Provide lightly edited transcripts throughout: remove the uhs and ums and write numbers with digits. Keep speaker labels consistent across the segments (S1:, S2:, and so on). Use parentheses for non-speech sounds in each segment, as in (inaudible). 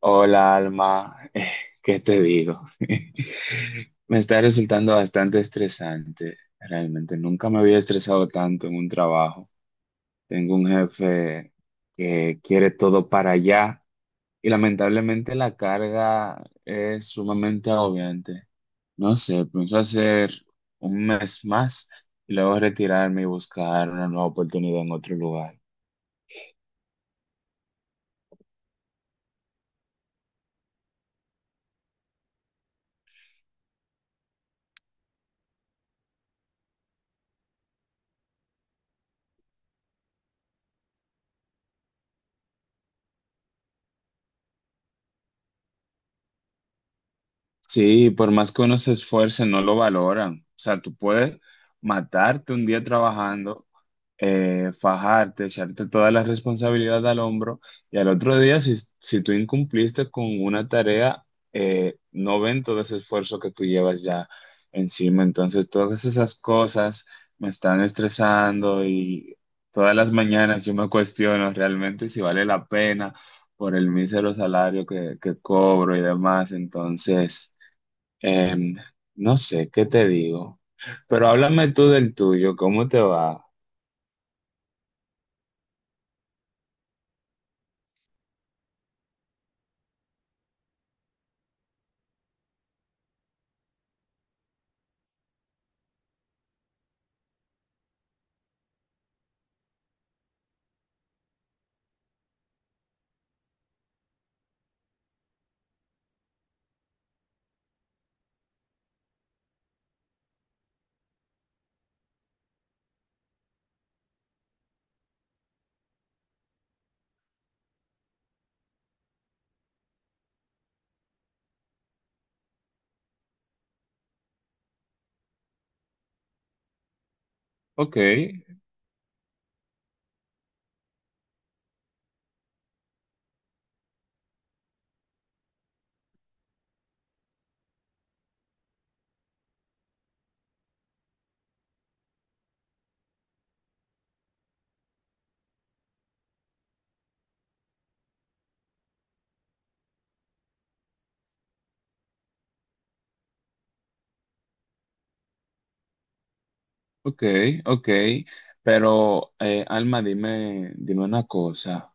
S1: Hola, Alma. ¿Qué te digo? (laughs) Me está resultando bastante estresante. Realmente nunca me había estresado tanto en un trabajo. Tengo un jefe que quiere todo para allá y lamentablemente la carga es sumamente agobiante. No sé, pienso hacer un mes más y luego retirarme y buscar una nueva oportunidad en otro lugar. Sí, por más que uno se esfuerce, no lo valoran. O sea, tú puedes matarte un día trabajando, fajarte, echarte toda la responsabilidad al hombro y al otro día, si tú incumpliste con una tarea, no ven todo ese esfuerzo que tú llevas ya encima. Entonces, todas esas cosas me están estresando y todas las mañanas yo me cuestiono realmente si vale la pena por el mísero salario que cobro y demás. Entonces... Em, no sé, ¿qué te digo? Pero háblame tú del tuyo, ¿cómo te va? Ok, ok, ok. Pero, Alma, dime una cosa.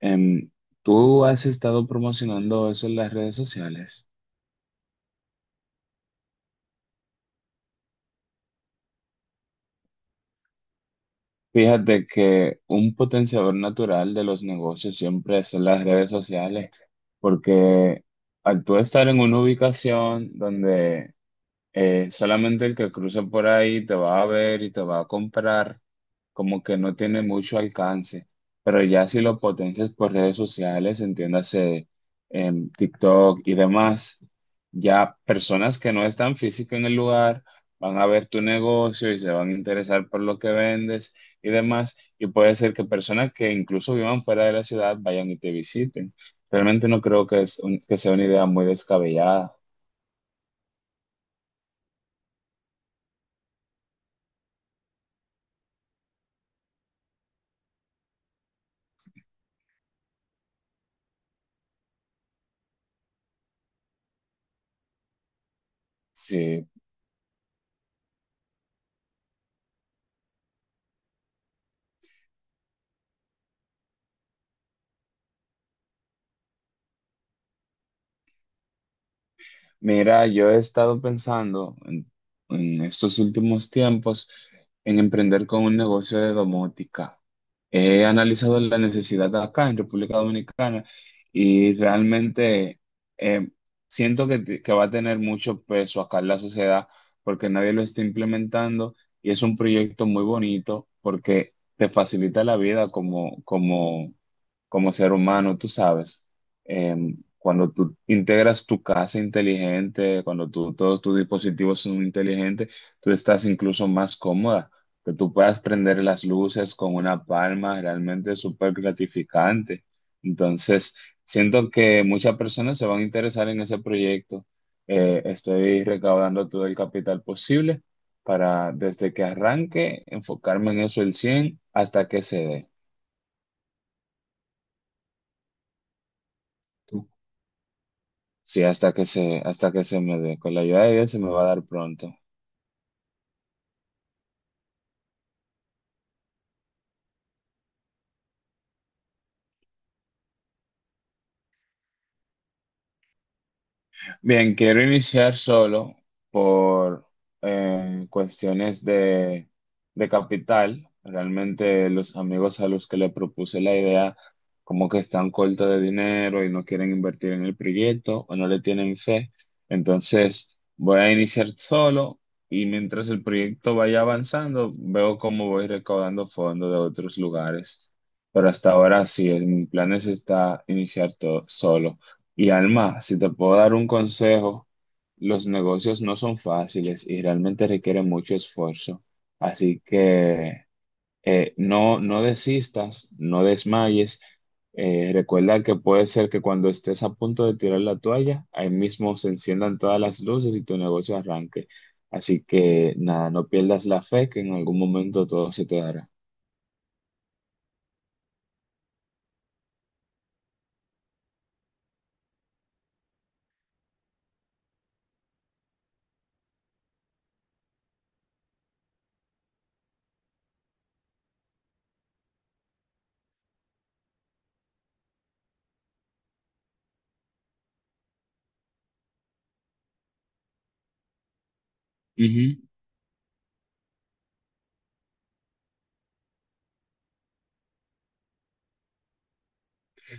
S1: Em, ¿Tú has estado promocionando eso en las redes sociales? Fíjate que un potenciador natural de los negocios siempre son las redes sociales, porque al tú estar en una ubicación donde solamente el que cruce por ahí te va a ver y te va a comprar, como que no tiene mucho alcance, pero ya si lo potencias por redes sociales, entiéndase en TikTok y demás, ya personas que no están físico en el lugar van a ver tu negocio y se van a interesar por lo que vendes y demás, y puede ser que personas que incluso vivan fuera de la ciudad vayan y te visiten. Realmente no creo que sea una idea muy descabellada. Sí. Mira, yo he estado pensando en estos últimos tiempos en emprender con un negocio de domótica. He analizado la necesidad acá en República Dominicana y realmente eh, siento que va a tener mucho peso acá en la sociedad porque nadie lo está implementando y es un proyecto muy bonito porque te facilita la vida como ser humano, tú sabes, cuando tú integras tu casa inteligente, todos tus dispositivos son inteligentes, tú estás incluso más cómoda, que tú puedas prender las luces con una palma, realmente es súper gratificante. Entonces, siento que muchas personas se van a interesar en ese proyecto. Estoy recaudando todo el capital posible para, desde que arranque, enfocarme en eso el 100 hasta que se dé. Sí, hasta que se me dé. Con la ayuda de Dios se me va a dar pronto. Bien, quiero iniciar solo por eh, cuestiones de, de capital. Realmente los amigos a los que le propuse la idea como que están cortos de dinero y no quieren invertir en el proyecto o no le tienen fe. Entonces voy a iniciar solo y mientras el proyecto vaya avanzando, veo cómo voy recaudando fondos de otros lugares. Pero hasta ahora mi plan es está iniciar todo solo. Y Alma, si te puedo dar un consejo, los negocios no son fáciles y realmente requieren mucho esfuerzo. Así que no desistas, no desmayes. Recuerda que puede ser que cuando estés a punto de tirar la toalla, ahí mismo se enciendan todas las luces y tu negocio arranque. Así que nada, no pierdas la fe que en algún momento todo se te dará.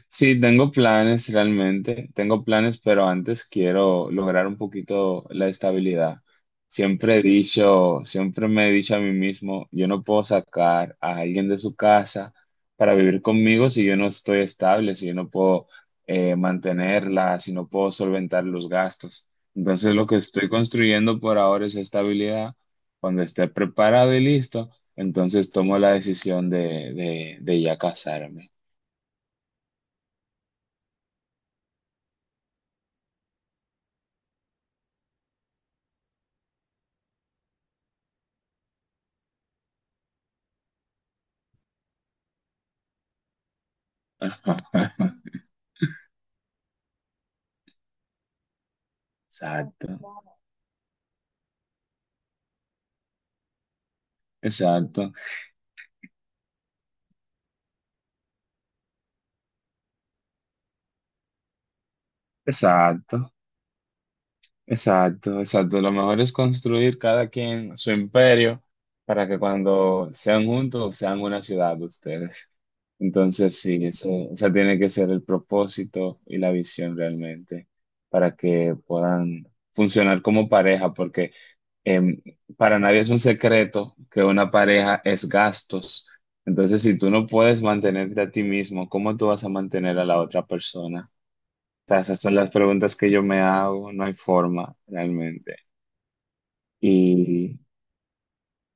S1: Sí, tengo planes realmente, tengo planes, pero antes quiero lograr un poquito la estabilidad. Siempre he dicho, siempre me he dicho a mí mismo, yo no puedo sacar a alguien de su casa para vivir conmigo si yo no estoy estable, si yo no puedo mantenerla, si no puedo solventar los gastos. Entonces lo que estoy construyendo por ahora es estabilidad. Cuando esté preparado y listo, entonces tomo la decisión de ya casarme. (laughs) Exacto, exacto, exacto, exacto, exacto. Lo mejor es construir cada quien su imperio para que cuando sean juntos sean una ciudad ustedes. Entonces, sí, ese tiene que ser el propósito y la visión realmente para que puedan funcionar como pareja, porque em, para nadie es un secreto que una pareja es gastos. Entonces, si tú no puedes mantenerte a ti mismo, ¿cómo tú vas a mantener a la otra persona? Sea, esas son las preguntas que yo me hago, no hay forma realmente. Y,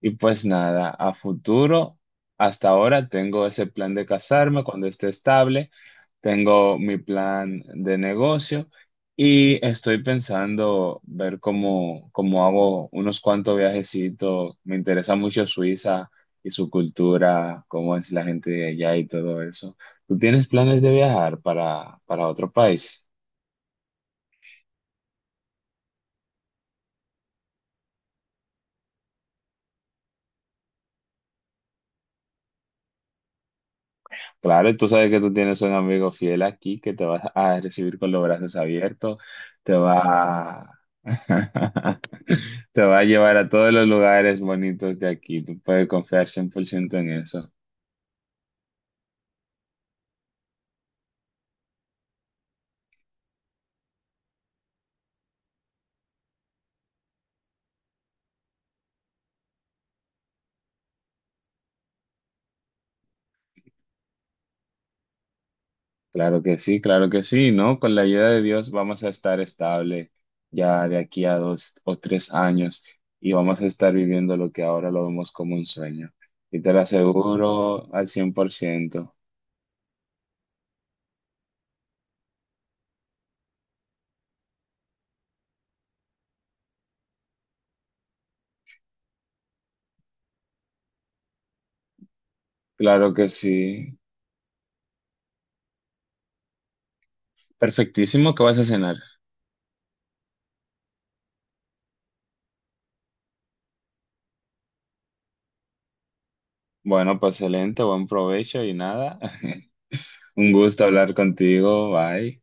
S1: y pues nada, a futuro, hasta ahora tengo ese plan de casarme cuando esté estable, tengo mi plan de negocio y estoy pensando ver cómo hago unos cuantos viajecitos. Me interesa mucho Suiza y su cultura, cómo es la gente de allá y todo eso. ¿Tú tienes planes de viajar para otro país? Claro, y tú sabes que tú tienes un amigo fiel aquí que te vas a recibir con los brazos abiertos, te va a... (laughs) te va a llevar a todos los lugares bonitos de aquí. Tú puedes confiar 100% en eso. Claro que sí, ¿no? Con la ayuda de Dios vamos a estar estable ya de aquí a 2 o 3 años y vamos a estar viviendo lo que ahora lo vemos como un sueño. Y te lo aseguro al 100%. Claro que sí. Perfectísimo, ¿qué vas a cenar? Bueno, pues excelente, buen provecho y nada. (laughs) Un gusto hablar contigo, bye.